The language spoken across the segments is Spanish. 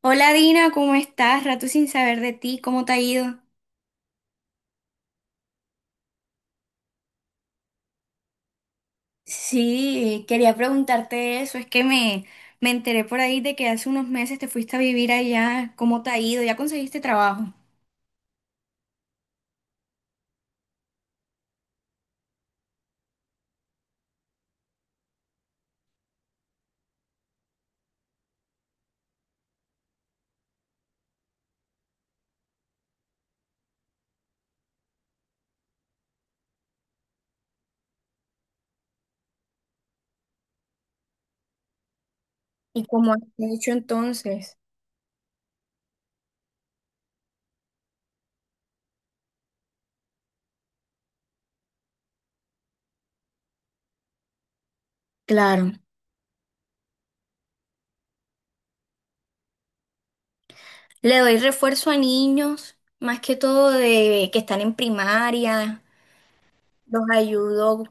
Hola Dina, ¿cómo estás? Rato sin saber de ti, ¿cómo te ha ido? Sí, quería preguntarte eso, me enteré por ahí de que hace unos meses te fuiste a vivir allá, ¿cómo te ha ido? ¿Ya conseguiste trabajo? ¿Y cómo has hecho entonces? Claro, le doy refuerzo a niños, más que todo de que están en primaria, los ayudo,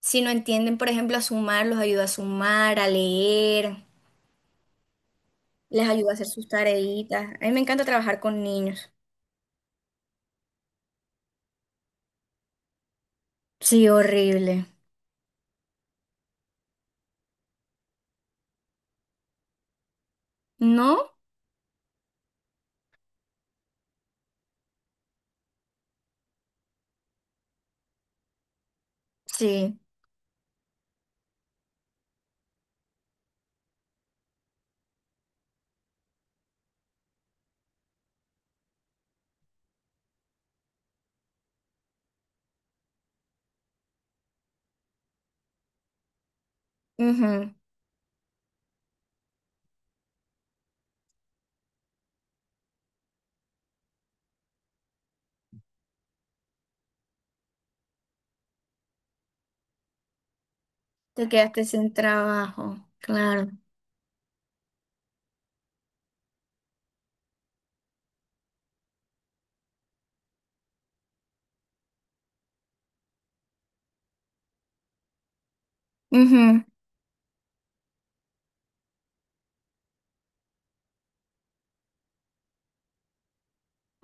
si no entienden, por ejemplo, a sumar, los ayudo a sumar, a leer, les ayudo a hacer sus tareitas. A mí me encanta trabajar con niños. Sí, horrible. ¿No? Sí. Ujú. Te quedaste sin trabajo. Claro. Ujú.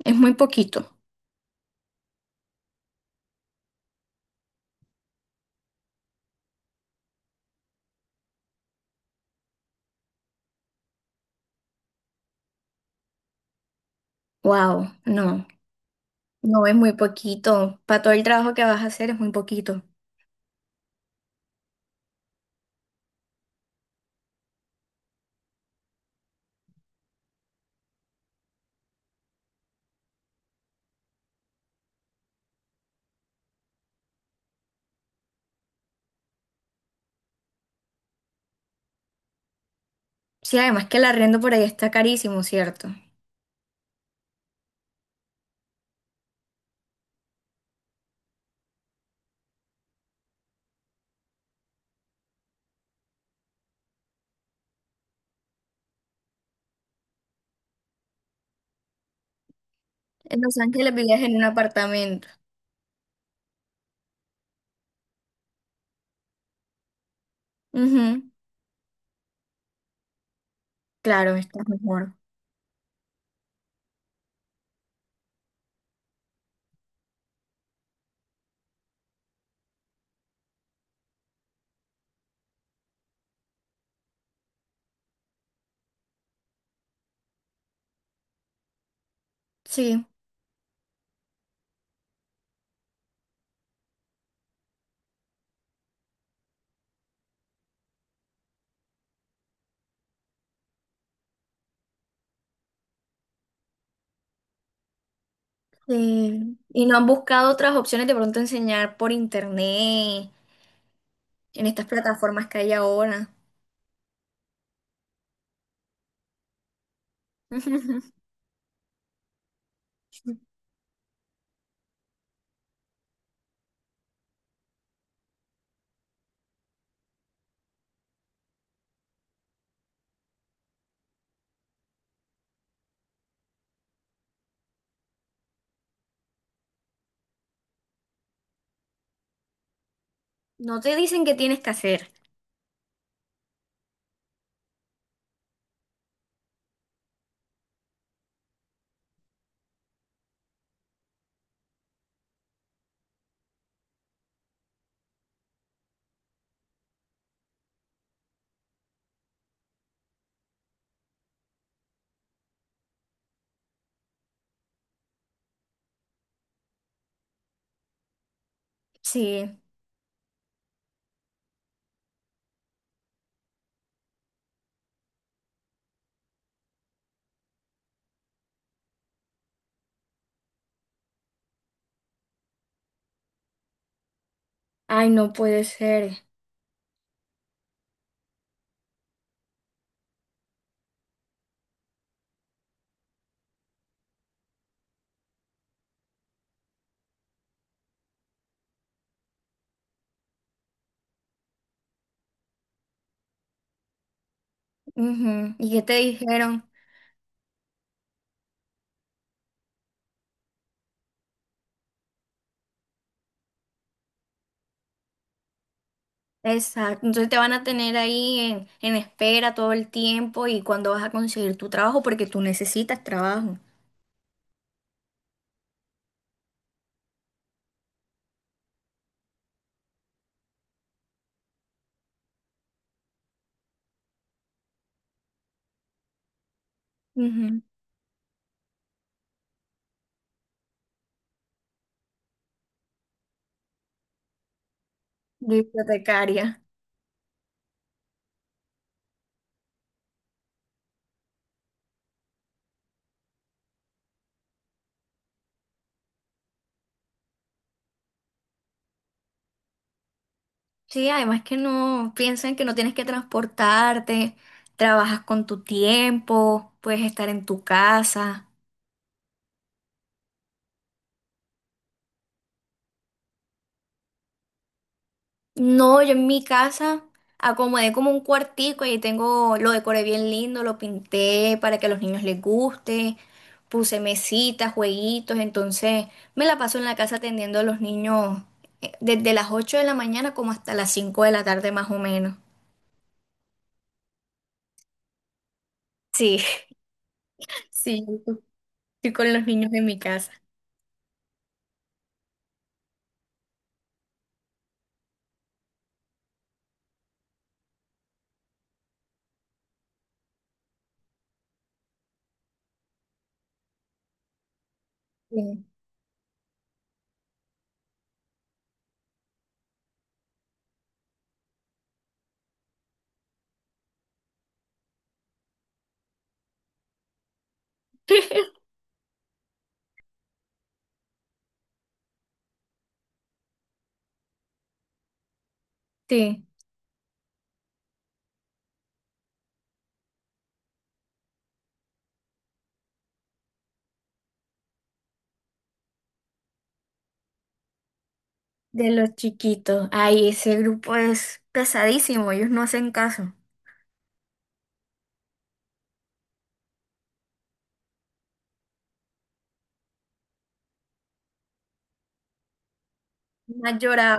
Es muy poquito. Wow. No. No es muy poquito. Para todo el trabajo que vas a hacer es muy poquito. Sí, además que el arriendo por ahí está carísimo, ¿cierto? En Los Ángeles vivías en un apartamento. Ujú. Claro, está mejor. Sí. Sí. Y no han buscado otras opciones de pronto enseñar por internet, en estas plataformas que hay ahora. No te dicen qué tienes que hacer. Sí. Ay, no puede ser. Ujú. ¿Y qué te dijeron? Exacto. Entonces te van a tener ahí en espera todo el tiempo y cuando vas a conseguir tu trabajo porque tú necesitas trabajo. Ujú. Bibliotecaria. Sí, además que no piensan que no tienes que transportarte, trabajas con tu tiempo, puedes estar en tu casa. No, yo en mi casa acomodé como un cuartico y tengo, lo decoré bien lindo, lo pinté para que a los niños les guste, puse mesitas, jueguitos, entonces me la paso en la casa atendiendo a los niños desde las 8 de la mañana como hasta las 5 de la tarde más o menos. Sí, sí, estoy con los niños en mi casa. Sí. Sí, de los chiquitos. Ay, ese grupo es pesadísimo, ellos no hacen caso. Más lloraba.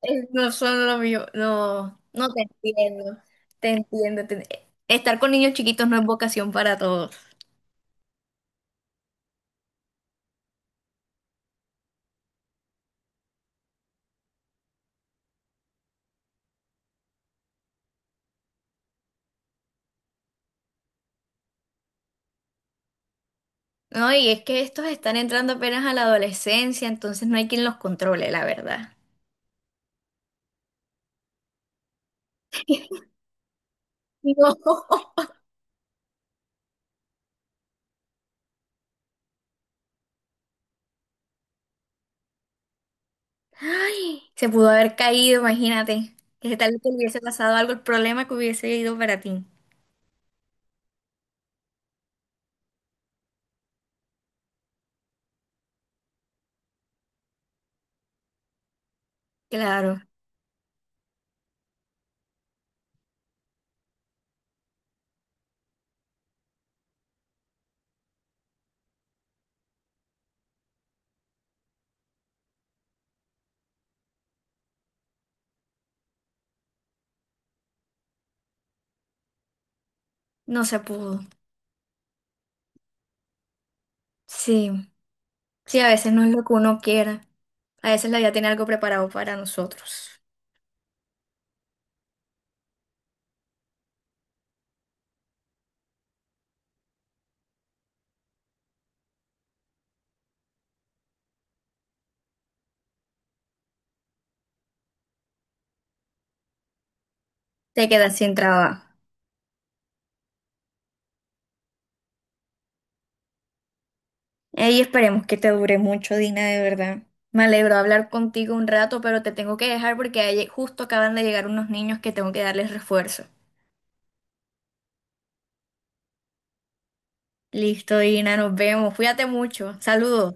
Es- No son lo mío, no, no te entiendo, te entiendo. Te- Estar con niños chiquitos no es vocación para todos, ¿no? Y es que estos están entrando apenas a la adolescencia, entonces no hay quien los controle, la verdad. No. Ay, se pudo haber caído, imagínate. Que tal vez te hubiese pasado algo, el problema que hubiese ido para ti. Claro, no se pudo. Sí, sí, a veces no es lo que uno quiera. A veces la vida tiene algo preparado para nosotros. Te quedas sin trabajo. Ey, esperemos que te dure mucho, Dina, de verdad. Me alegro hablar contigo un rato, pero te tengo que dejar porque ahí justo acaban de llegar unos niños que tengo que darles refuerzo. Listo, Dina, nos vemos. Cuídate mucho. Saludos.